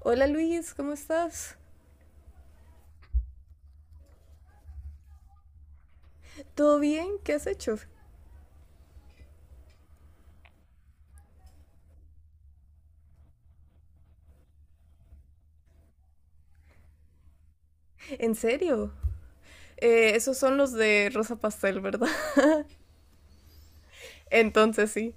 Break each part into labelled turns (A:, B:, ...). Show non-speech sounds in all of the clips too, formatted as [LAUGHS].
A: Hola Luis, ¿cómo estás? ¿Todo bien? ¿Qué has hecho? ¿En serio? Esos son los de Rosa Pastel, ¿verdad? [LAUGHS] Entonces sí.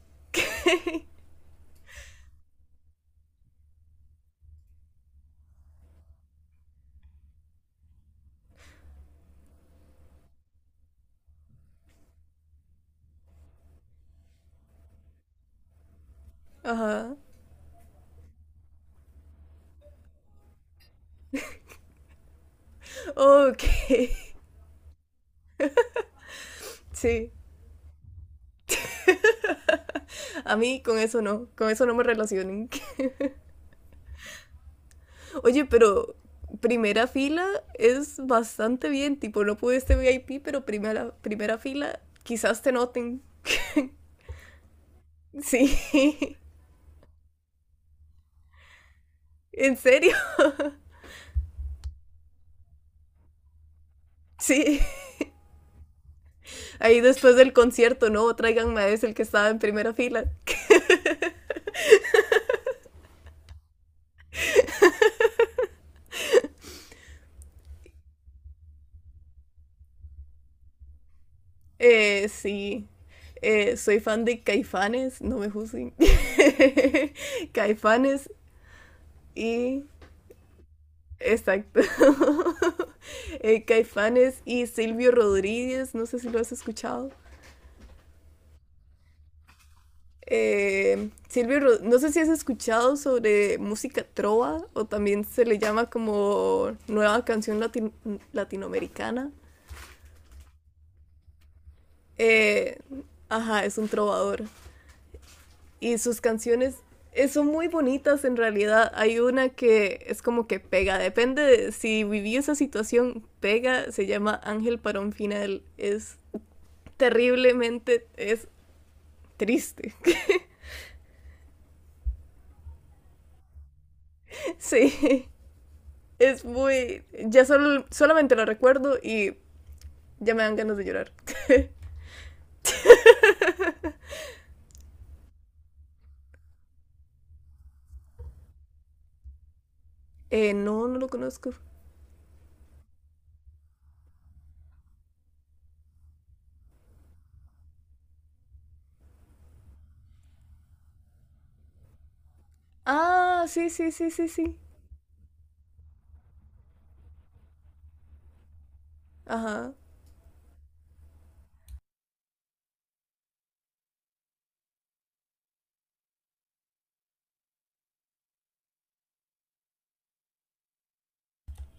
A: Ajá. Ok, [LAUGHS] sí. A mí con eso no me relacionen. [LAUGHS] Oye, pero primera fila es bastante bien, tipo, no pude este VIP, pero primera fila quizás te noten. Sí. [LAUGHS] ¿En serio? Sí. Ahí después del concierto, ¿no? Tráiganme a ese el que estaba en primera fila. Sí. Soy fan de Caifanes, no me juzguen. [LAUGHS] Caifanes y... Exacto. [LAUGHS] Caifanes y Silvio Rodríguez, no sé si lo has escuchado. Silvio, no sé si has escuchado sobre música trova o también se le llama como nueva canción latinoamericana. Eh, ajá, es un trovador. Y sus canciones son muy bonitas en realidad. Hay una que es como que pega, depende de si viví esa situación, pega, se llama Ángel para un final. Es terriblemente, es triste. [LAUGHS] Sí, es muy... Ya solo, solamente lo recuerdo y ya me dan ganas de llorar. [LAUGHS] No, no lo conozco. Ah, sí, sí, sí, sí, sí. Ajá,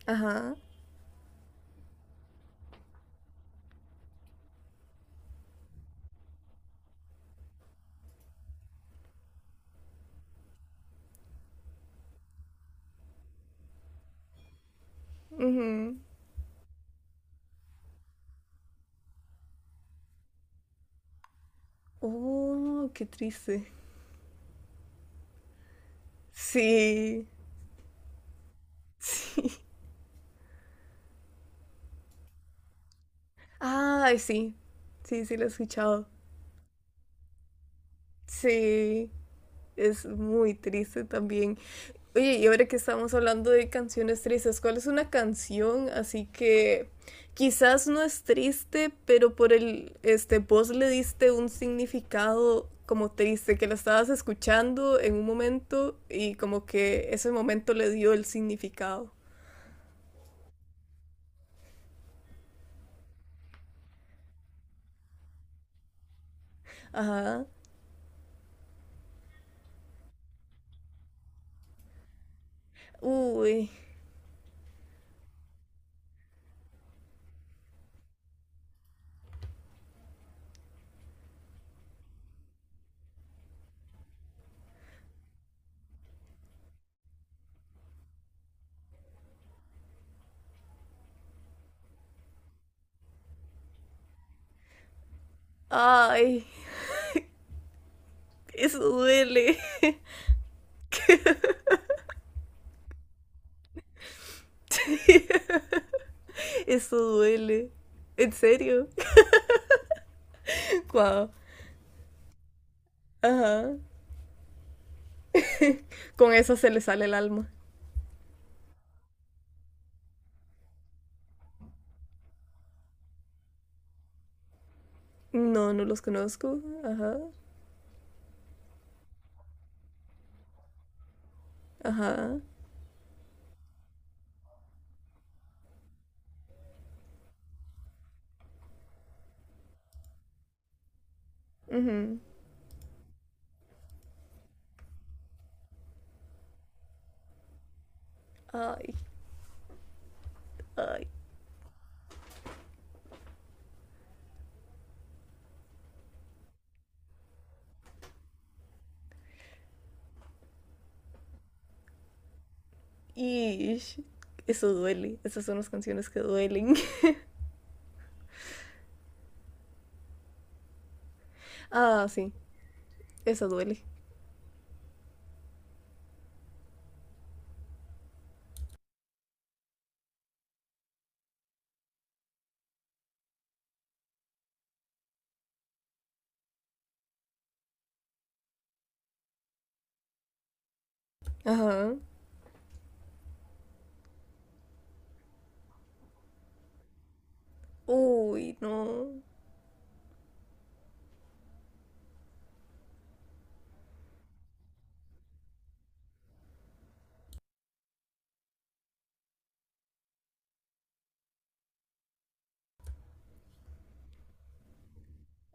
A: ajá. Ujú. Oh, qué triste. Sí, [LAUGHS] sí. Ay, sí, sí, sí, lo he escuchado. Sí, es muy triste también. Oye, y ahora que estamos hablando de canciones tristes, ¿cuál es una canción así que quizás no es triste, pero por el, este, vos le diste un significado como triste, que la estabas escuchando en un momento y como que ese momento le dio el significado? Ajá. Uy. Ay, eso duele, [LAUGHS] eso duele. ¿En serio? Wow. Ajá. Con eso se le sale el alma. No, no los conozco. Ajá. Ajá. Ujú. Ay, ay. Ish. Eso duele. Esas son las canciones que duelen. [LAUGHS] Ah, sí. Eso duele. Ajá. Uy, no.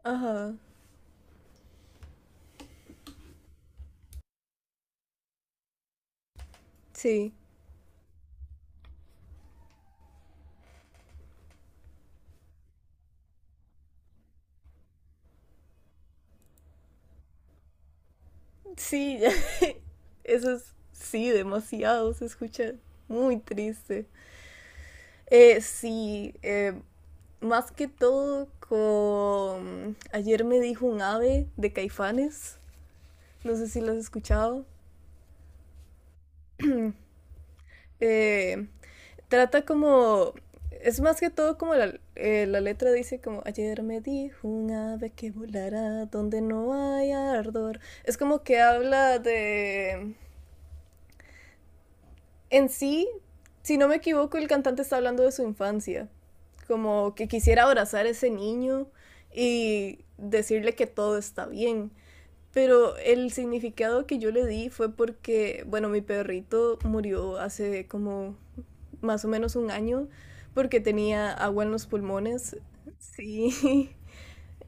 A: Ajá. Sí. Sí, [LAUGHS] ya. Eso es. Sí, demasiado. Se escucha muy triste. Sí. Más que todo con... Ayer me dijo un ave de Caifanes, no sé si lo has escuchado. Eh, Trata como... Es más que todo como la, la letra dice como ayer me dijo un ave que volará donde no haya ardor. Es como que habla de... En sí, si no me equivoco, el cantante está hablando de su infancia. Como que quisiera abrazar a ese niño y decirle que todo está bien. Pero el significado que yo le di fue porque, bueno, mi perrito murió hace como más o menos un año porque tenía agua en los pulmones. Sí. [LAUGHS]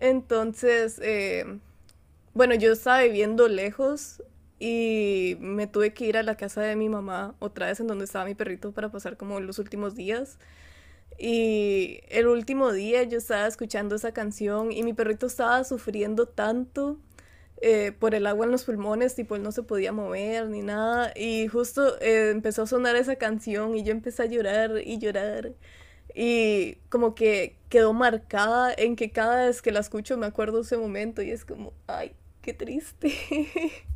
A: Entonces, bueno, yo estaba viviendo lejos y me tuve que ir a la casa de mi mamá otra vez en donde estaba mi perrito para pasar como los últimos días. Y el último día yo estaba escuchando esa canción y mi perrito estaba sufriendo tanto por el agua en los pulmones, tipo él no se podía mover ni nada. Y justo empezó a sonar esa canción y yo empecé a llorar y llorar. Y como que quedó marcada en que cada vez que la escucho me acuerdo ese momento y es como, ay, qué triste.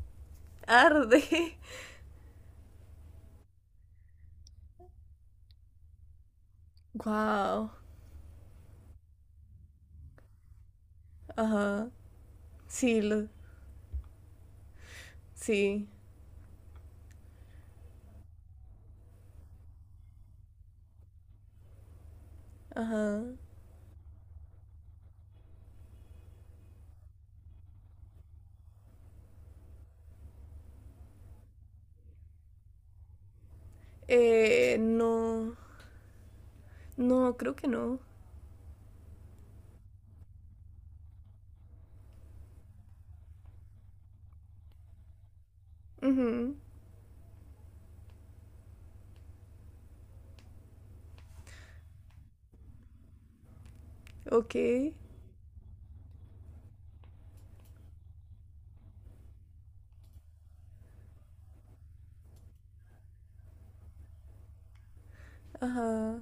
A: [LAUGHS] Arde. Wow. Ajá. Sí, lo- sí. Ajá. No. No, creo que no. Ujú, ok. Ajá.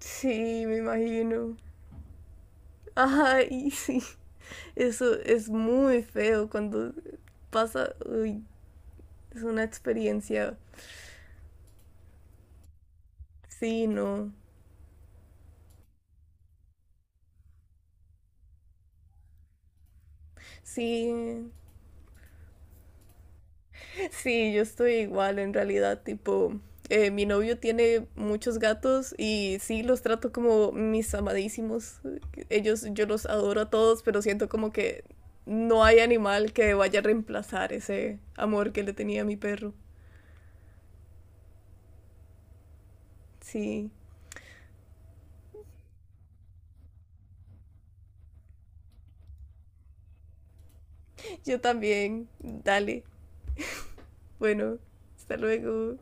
A: Sí, me imagino. Ajá, y [LAUGHS] sí. Eso es muy feo cuando pasa. Uy, es una experiencia. Sí, no. Sí, sí, yo estoy igual en realidad, tipo, mi novio tiene muchos gatos y sí los trato como mis amadísimos. Ellos, yo los adoro a todos, pero siento como que no hay animal que vaya a reemplazar ese amor que le tenía a mi perro. Sí, yo también. Dale. Bueno, hasta luego.